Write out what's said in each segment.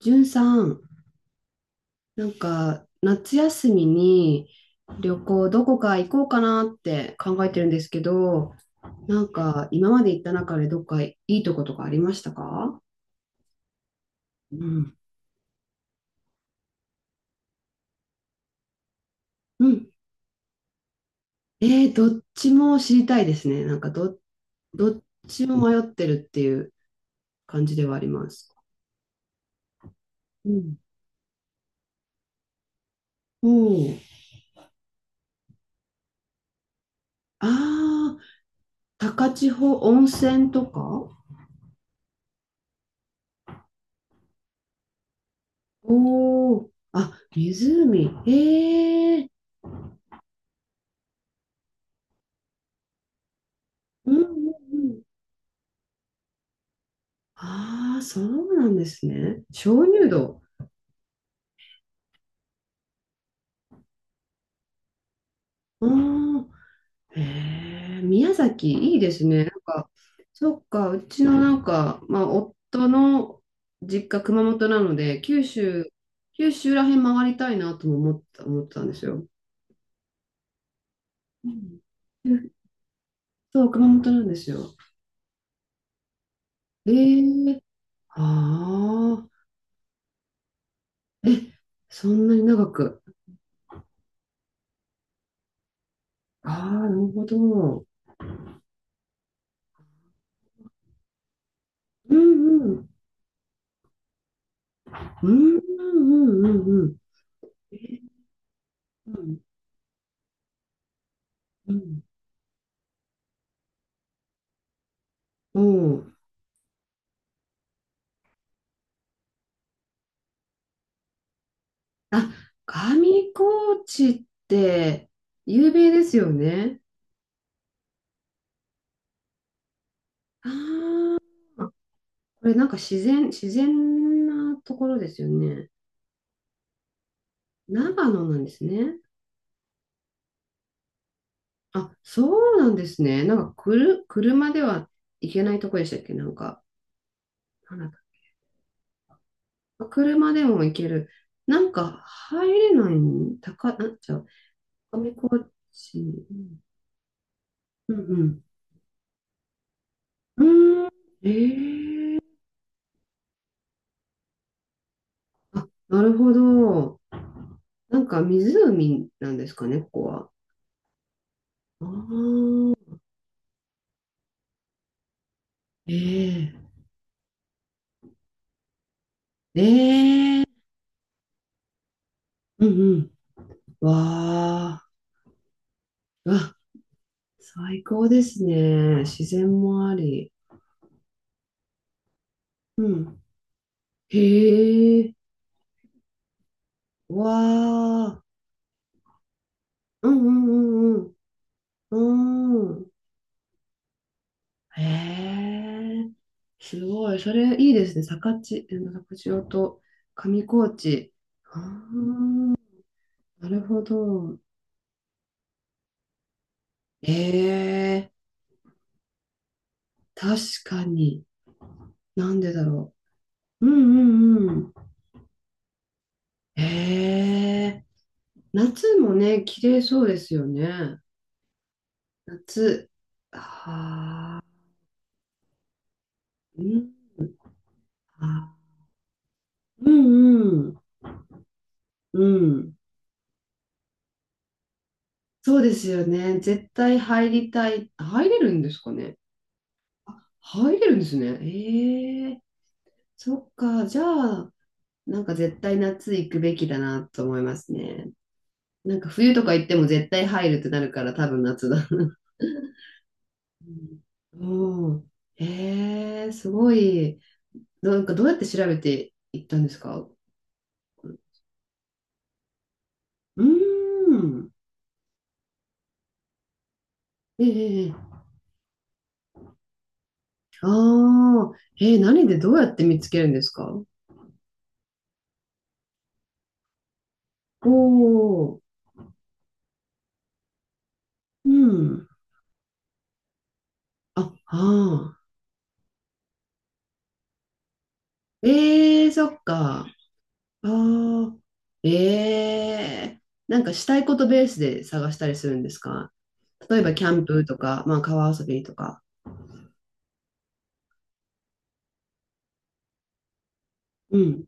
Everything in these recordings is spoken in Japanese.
じゅんさん、なんか夏休みに旅行どこか行こうかなって考えてるんですけど、なんか今まで行った中でどっかいいとことかありましたか？うん。うん。どっちも知りたいですね。どっちも迷ってるっていう感じではあります。うん。おー。あー、高千穂温泉とか。おー。あ、湖。えー。うんうんうん。ああ、そうなんですね。鍾乳洞。うん。へえ、宮崎、いいですね。なんか、そっか、うちのなんか、まあ、夫の実家、熊本なので、九州、九州らへん回りたいなとも思ってたんですよ。うん。そう、熊本なんですよ。ええ、ああ、え、そんなに長く。ああ、なるほど。うんうん。うんうんうんうんうん。えーうんうんうん。あ、上高地って有名ですよね。これなんか自然なところですよね。長野なんですね。あ、そうなんですね。なんかくる、車では行けないとこでしたっけ、なんか、なんだっけ、車でも行ける。なんか入れないん、なんちゃう、上高地。うんうん。うーん。えー、なるほど。なんか湖なんですかね、ここは。ああ、ええ、ええ、うんうん。わあ、うわ、最高ですね。自然もあり。うん。へえ、わあ、うんうんうんうん。うん。へえ、すごい。それいいですね。坂地、え坂千と上高地。ああ、なるほど。ええ、確かに。なんでだろう。うんうんうん。へえ。夏もね、綺麗そうですよね。夏。はあ、うん、あ、うんうん、うん。そうですよね。絶対入りたい。入れるんですかね。あ、入れるんですね。ええ。そっか。じゃあ、なんか絶対夏行くべきだなと思いますね。なんか冬とか行っても絶対入るってなるから多分夏だ。うん。うん。ええ、すごい。なんかどうやって調べていったんですか？うーん。ええ、ええ、ああ、ええ、何でどうやって見つけるんですか？お。おー、うん。あ、ああ。ええ、そっか。ああ、ええ、なんかしたいことベースで探したりするんですか？例えばキャンプとか、まあ川遊びとか。うん。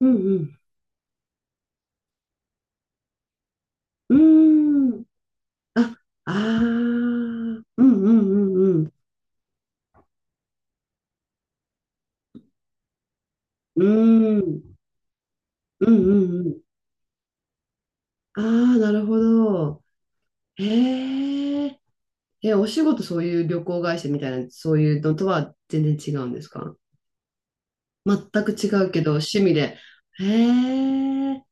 うんうん。うーん。あ、ああ。うんうんうんうん。うーん。うんうんうん。ああ、なるほど。へえ。え、お仕事そういう旅行会社みたいな、そういうのとは全然違うんですか？全く違うけど、趣味で。へえ。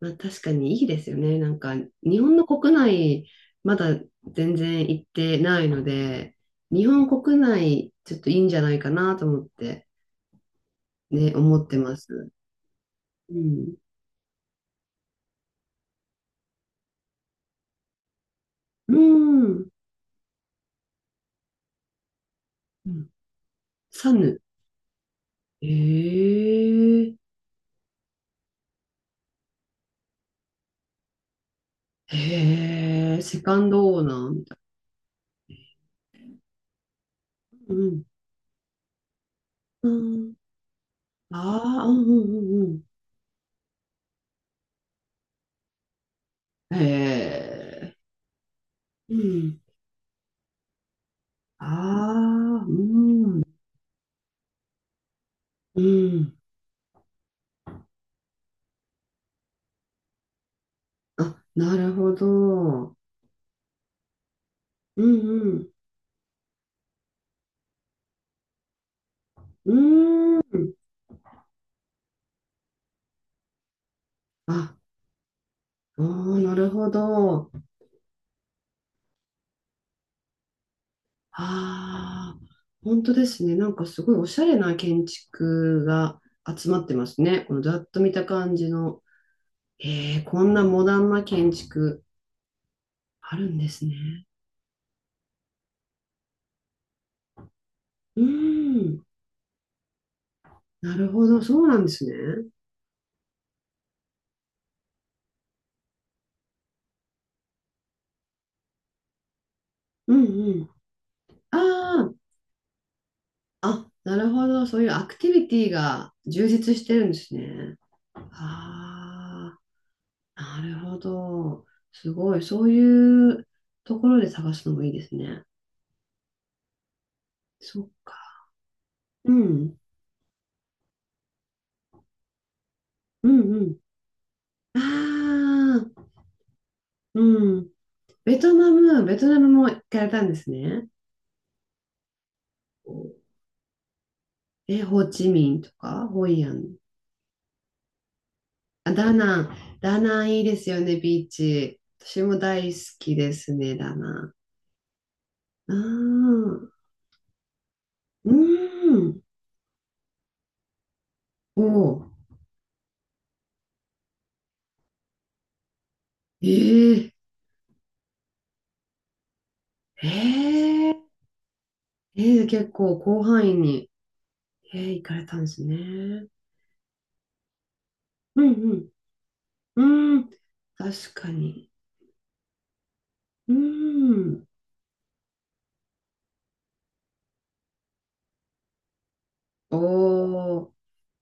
まあ確かにいいですよね。なんか、日本の国内、まだ全然行ってないので、日本国内、ちょっといいんじゃないかなと思って、ね、思ってます。うん。うん。うん。サヌ。へえ。へえ。セカンドオーナーみたいな。うん。うん。ああ、うんうんうんうん。へえ。うん。ああ、うん。うん。あ、なるほど。うんうん。うん。あ、ああ、なるほど。ああ、なるほど。ああ、本当ですね。なんかすごいおしゃれな建築が集まってますね。このざっと見た感じの。へえ、こんなモダンな建築あるんですね。うん。なるほど。そうなんですね。うんうん。ああ、なるほど。そういうアクティビティが充実してるんですね。ああ、なるほど。すごい。そういうところで探すのもいいですね。そっか。うん。うんうん。ああ、うん。ベトナム、ベトナムも行かれたんですね。え、ホーチミンとか、ホイアン。あ、ダナン。ダナンいいですよね、ビーチ。私も大好きですね、ダナン。ああ、うん。おお、えー、えー、え結構広範囲に、行かれたんですね。うんうん。うん、確かに。うん。おお、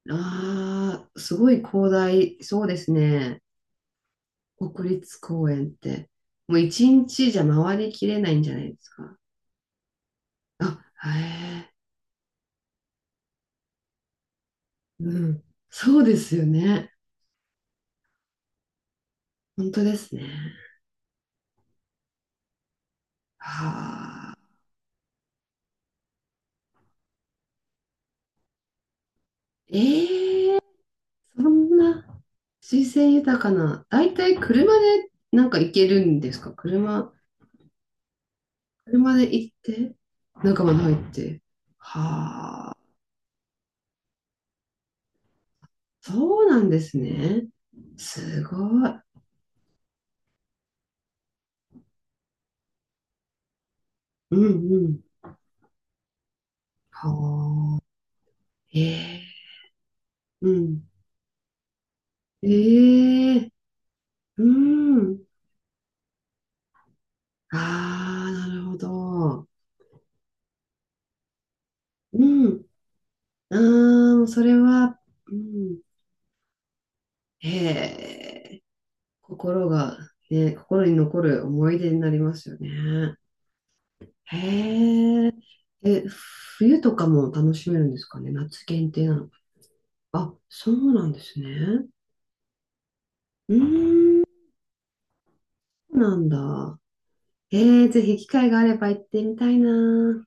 ああ、すごい広大、そうですね。国立公園って。もう一日じゃ回りきれないんじゃないですか。あ、へえ、うん。そうですよね。本当ですね。はあ。ええ、そんな。水性豊かな、だいたい車でなんか行けるんですか？車、車で行って、仲間に入って。はあ、そうなんですね。すごい。うんうん。はあ。ええ、うん。ええ、うん。ああ、なるほど。うん。ああ、それは、うん。ええ、心が、ね、心に残る思い出になりますよね。へえ。え、冬とかも楽しめるんですかね。夏限定なのか。あ、そうなんですね。うーん、そうなんだ。ぜひ機会があれば行ってみたいな。